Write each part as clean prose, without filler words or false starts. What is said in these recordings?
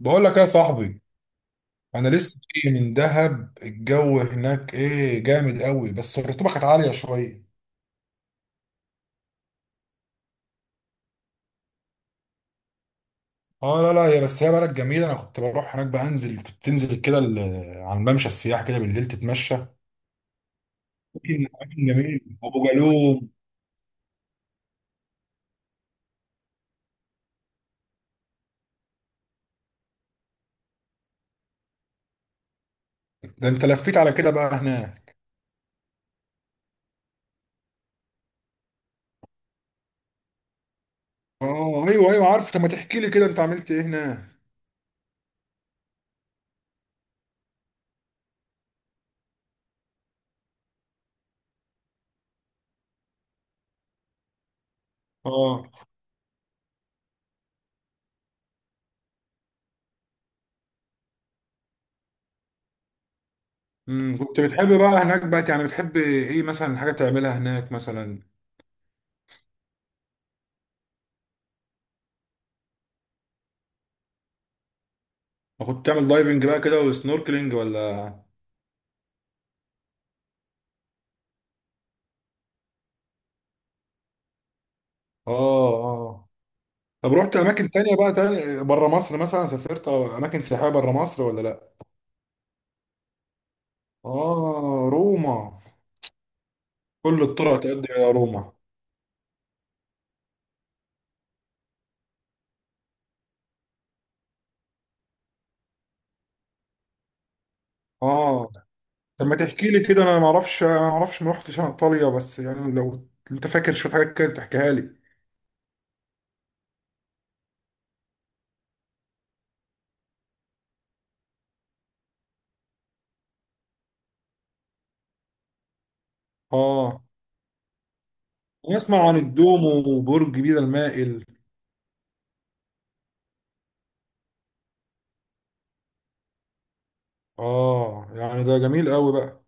بقول لك يا صاحبي، انا لسه جاي من دهب. الجو هناك ايه، جامد قوي، بس الرطوبه كانت عاليه شويه. اه لا لا يا بس هي بلد جميله. انا كنت بروح هناك، بنزل، كنت تنزل كده على الممشى السياحي كده بالليل، تتمشى. أماكن جميل ابو جالوم. ده انت لفيت على كده بقى هناك. اه ايوه ايوه، عارف. طب ما تحكي لي كده، انت عملت ايه هناك؟ اه. كنت بتحب بقى هناك بقى، يعني بتحب ايه مثلا حاجه تعملها هناك مثلا؟ كنت تعمل دايفنج بقى كده، وسنوركلينج ولا؟ اه اه. طب رحت اماكن تانية بقى، تانية بره مصر مثلا، سافرت أو اماكن سياحية بره مصر ولا لا؟ اه روما. كل الطرق تؤدي الى روما. اه، طب ما تحكي لي كده، انا ما اعرفش ما رحتش انا ايطاليا، بس يعني لو انت فاكر شوية حاجات كده تحكيها لي. اه. أنا اسمع عن الدومو وبرج بيزا المائل. اه يعني ده جميل قوي بقى.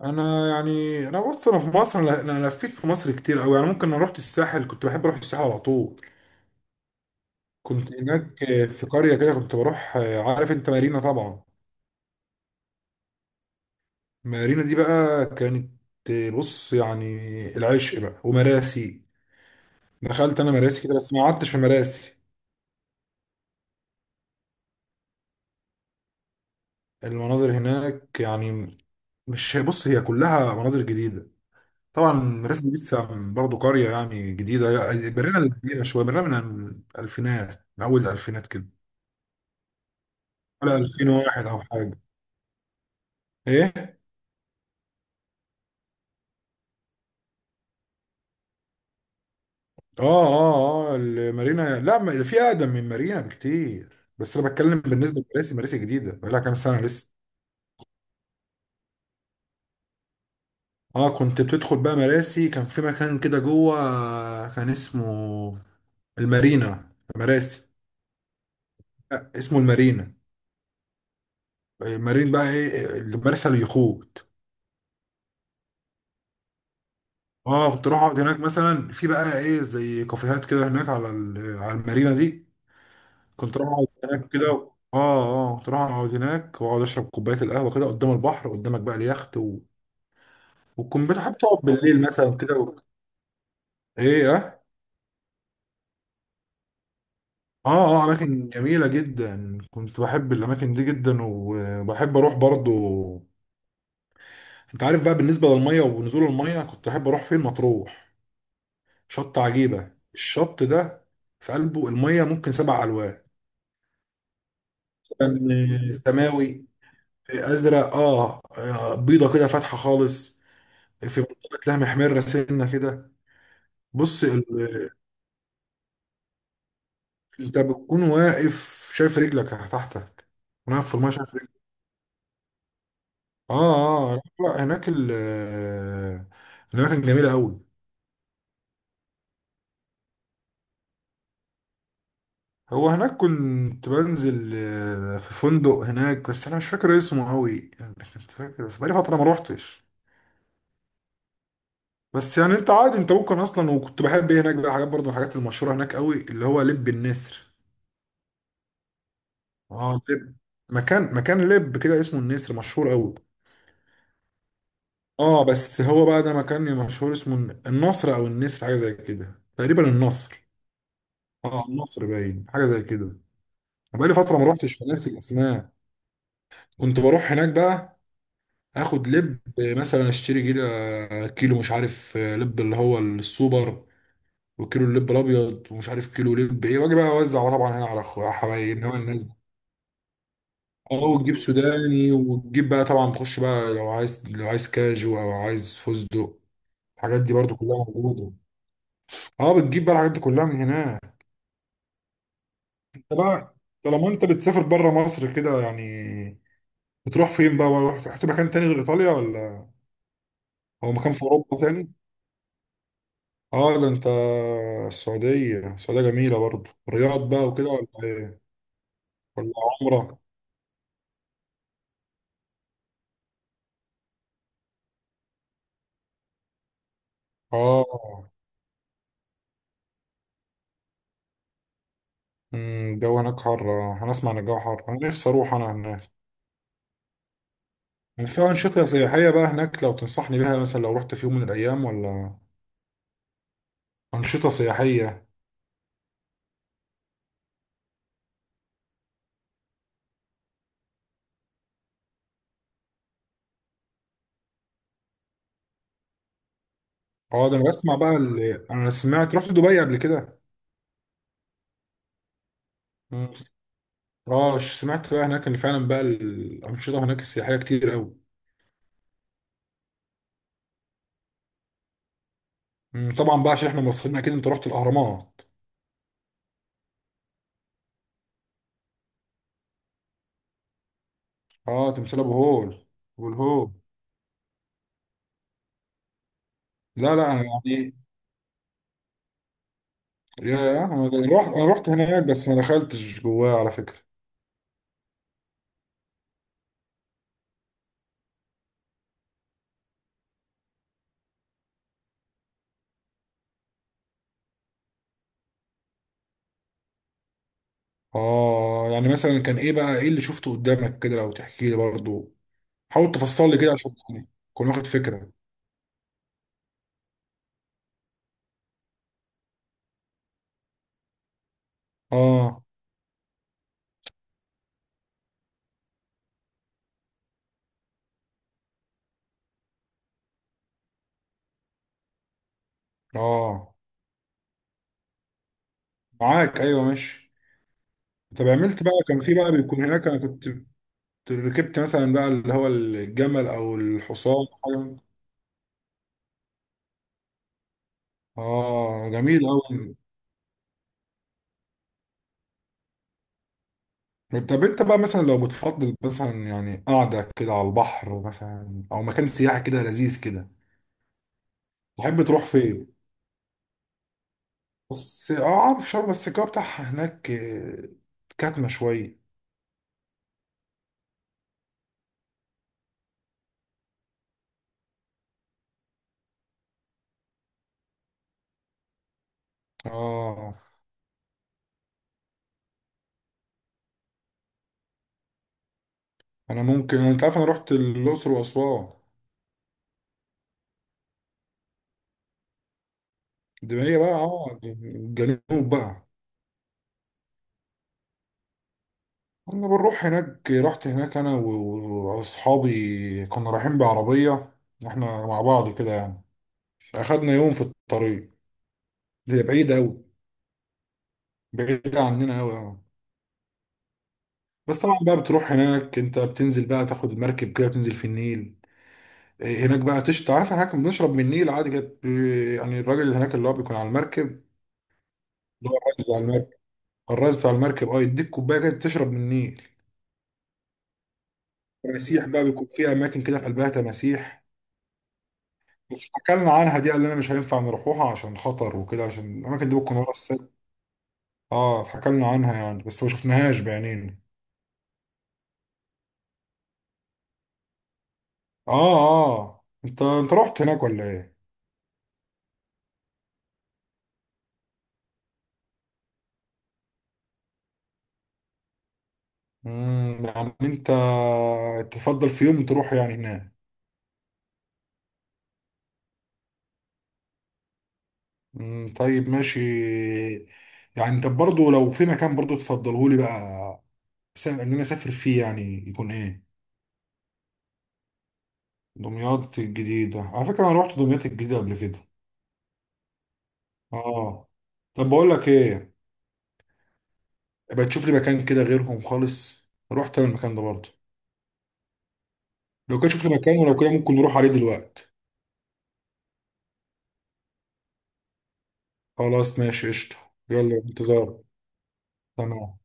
انا يعني انا بص انا في مصر انا أنا لفيت في مصر كتير قوي، يعني ممكن. انا رحت الساحل، كنت بحب اروح الساحل على طول. كنت هناك في قرية كده، كنت بروح. عارف انت مارينا طبعا. مارينا دي بقى كانت، بص يعني، العشق بقى ومراسي. دخلت انا مراسي كده بس ما قعدتش في مراسي. المناظر هناك يعني، مش، بص، هي كلها مناظر جديدة. طبعا مراسي دي لسه برضه قرية يعني جديدة. برينا القديمة شوية، برينا من الألفينات، من أول الألفينات كده، ولا 2001 أو حاجة. ايه. اه اه اه المارينا، لا، في اقدم من مارينا بكتير. بس انا بتكلم بالنسبه لمراسي. مراسي جديده، بقالها كام سنه لسه. اه كنت بتدخل بقى مراسي، كان في مكان كده جوه كان اسمه المارينا مراسي. لا اسمه المارينا. المارين بقى ايه، المرسى، اليخوت. اه كنت اروح اقعد هناك مثلا، في بقى ايه زي كافيهات كده هناك على على المارينا دي. كنت اروح اقعد هناك كده. اه اه كنت اروح اقعد هناك، واقعد اشرب كوبايه القهوه كده، قدام البحر قدامك بقى اليخت والكمبيوتر، حابب تقعد بالليل مثلا كده و... ايه اه اه اه. اماكن جميله جدا، كنت بحب الاماكن دي جدا، وبحب اروح برضو. انت عارف بقى، بالنسبه للميه ونزول الميه، كنت احب اروح فين؟ مطروح. شط عجيبه، الشط ده، في قلبه الميه ممكن 7 ألوان. كان سماوي، ازرق، اه، بيضه كده فاتحه خالص، في منطقه لها محمره سنه كده. بص ال... انت بتكون واقف شايف رجلك تحتك، واقف في الميه شايف. اه اه. لا لا، هناك ال آه، هناك كان جميلة أوي. هو هناك كنت بنزل في فندق هناك، بس أنا مش فاكر اسمه أوي يعني. كنت فاكر بس بقالي فترة ما روحتش. بس يعني أنت عادي، أنت ممكن أصلا. وكنت بحب إيه هناك بقى، حاجات برضه من الحاجات المشهورة هناك أوي، اللي هو لب النسر. اه لب. مكان لب كده اسمه النسر، مشهور أوي. اه بس هو بقى ده مكان مشهور اسمه النصر أو النسر، حاجة زي كده تقريبا، النصر. اه النصر، باين حاجة زي كده. بقالي فترة ما روحتش، فناسي الأسماك كنت بروح هناك بقى، آخد لب مثلا، أشتري كيلو، كيلو مش عارف لب اللي هو السوبر، وكيلو اللب الأبيض، ومش عارف كيلو لب إيه، وأجي بقى أوزع طبعا هنا على أخويا، حبايب، إنما الناس. أه وتجيب سوداني، وتجيب بقى طبعا، تخش بقى لو عايز، لو عايز كاجو أو عايز فستق، الحاجات دي برضو كلها موجودة. أه بتجيب بقى الحاجات دي كلها من هناك. أنت بقى، طالما أنت بتسافر بره مصر كده يعني، بتروح فين بقى بقى؟ رحت، رحت مكان تاني غير إيطاليا ولا؟ هو مكان في اوروبا تاني. اه ده انت. السعوديه، السعوديه جميله برضه. الرياض بقى وكده، ولا ايه؟ ولا عمره؟ اه. الجو هناك حر انا اسمع ان الجو حر، انا نفسي اروح انا هناك. يعني في انشطه سياحيه بقى هناك لو تنصحني بيها مثلا، لو رحت في يوم من الايام، ولا؟ انشطه سياحيه. اه ده انا بسمع بقى، اللي انا سمعت، رحت دبي قبل كده. أمم. اه سمعت بقى هناك ان فعلا بقى الانشطه هناك السياحيه كتير قوي. طبعا بقى عشان احنا مصريين، اكيد انت رحت الاهرامات. اه، تمثال ابو هول. والهول. لا لا انا يعني، يا انا، رحت، انا رحت هناك بس ما دخلتش جواه على فكره. اه يعني مثلا كان ايه بقى، ايه اللي شفته قدامك كده، لو تحكي لي برضه، حاول تفصل لي كده عشان كنت واخد فكره. اه اه، معاك، ايوه ماشي. طب عملت بقى، كان في بقى، بيكون هناك، انا كنت ركبت مثلا بقى اللي هو الجمل او الحصان حاجه. اه جميل قوي. طب انت بقى مثلا لو بتفضل مثلا يعني قاعدة كده على البحر مثلا، او مكان سياحي كده لذيذ كده، تحب تروح فين؟ بس اه عارف شرم، بس الجو بتاعها هناك كاتمة شوية. اه. انا ممكن، انت عارف، انا رحت الاقصر واسوان. دي هي بقى اه الجنوب بقى. كنا بنروح هناك، رحت هناك انا واصحابي، كنا رايحين بعربية احنا مع بعض كده يعني. اخدنا يوم في الطريق. هي بعيدة اوي، بعيدة عننا اوي بس طبعا بقى بتروح هناك، انت بتنزل بقى، تاخد المركب كده، بتنزل في النيل. هناك بقى تش تعرف، هناك بنشرب من النيل عادي كده يعني الراجل اللي هناك، اللي هو بيكون على المركب، اللي هو الراجل بتاع المركب. الراجل بتاع المركب اه يديك كوبايه كده تشرب من النيل. تماسيح بقى بيكون في اماكن كده، في قلبها تماسيح. بس اتحكلنا عنها دي، قال لنا مش هينفع نروحوها عشان خطر وكده، عشان الاماكن دي بتكون ورا السد. اه اتحكلنا عنها يعني بس ما شفناهاش بعينينا. اه اه، انت رحت هناك ولا ايه؟ يعني انت تفضل في يوم تروح يعني هناك. طيب ماشي. يعني انت برضو لو في مكان برضو تفضله لي بقى، ان انا اسافر فيه، يعني يكون ايه؟ دمياط الجديدة، على فكرة انا رحت دمياط الجديدة قبل كده. اه. طب بقول لك ايه، يبقى تشوف لي مكان كده غيرهم خالص، رحت انا المكان ده برضو. لو كده شوف لي مكان، ولو كده ممكن نروح عليه دلوقتي. خلاص ماشي قشطة. يلا انتظار. تمام.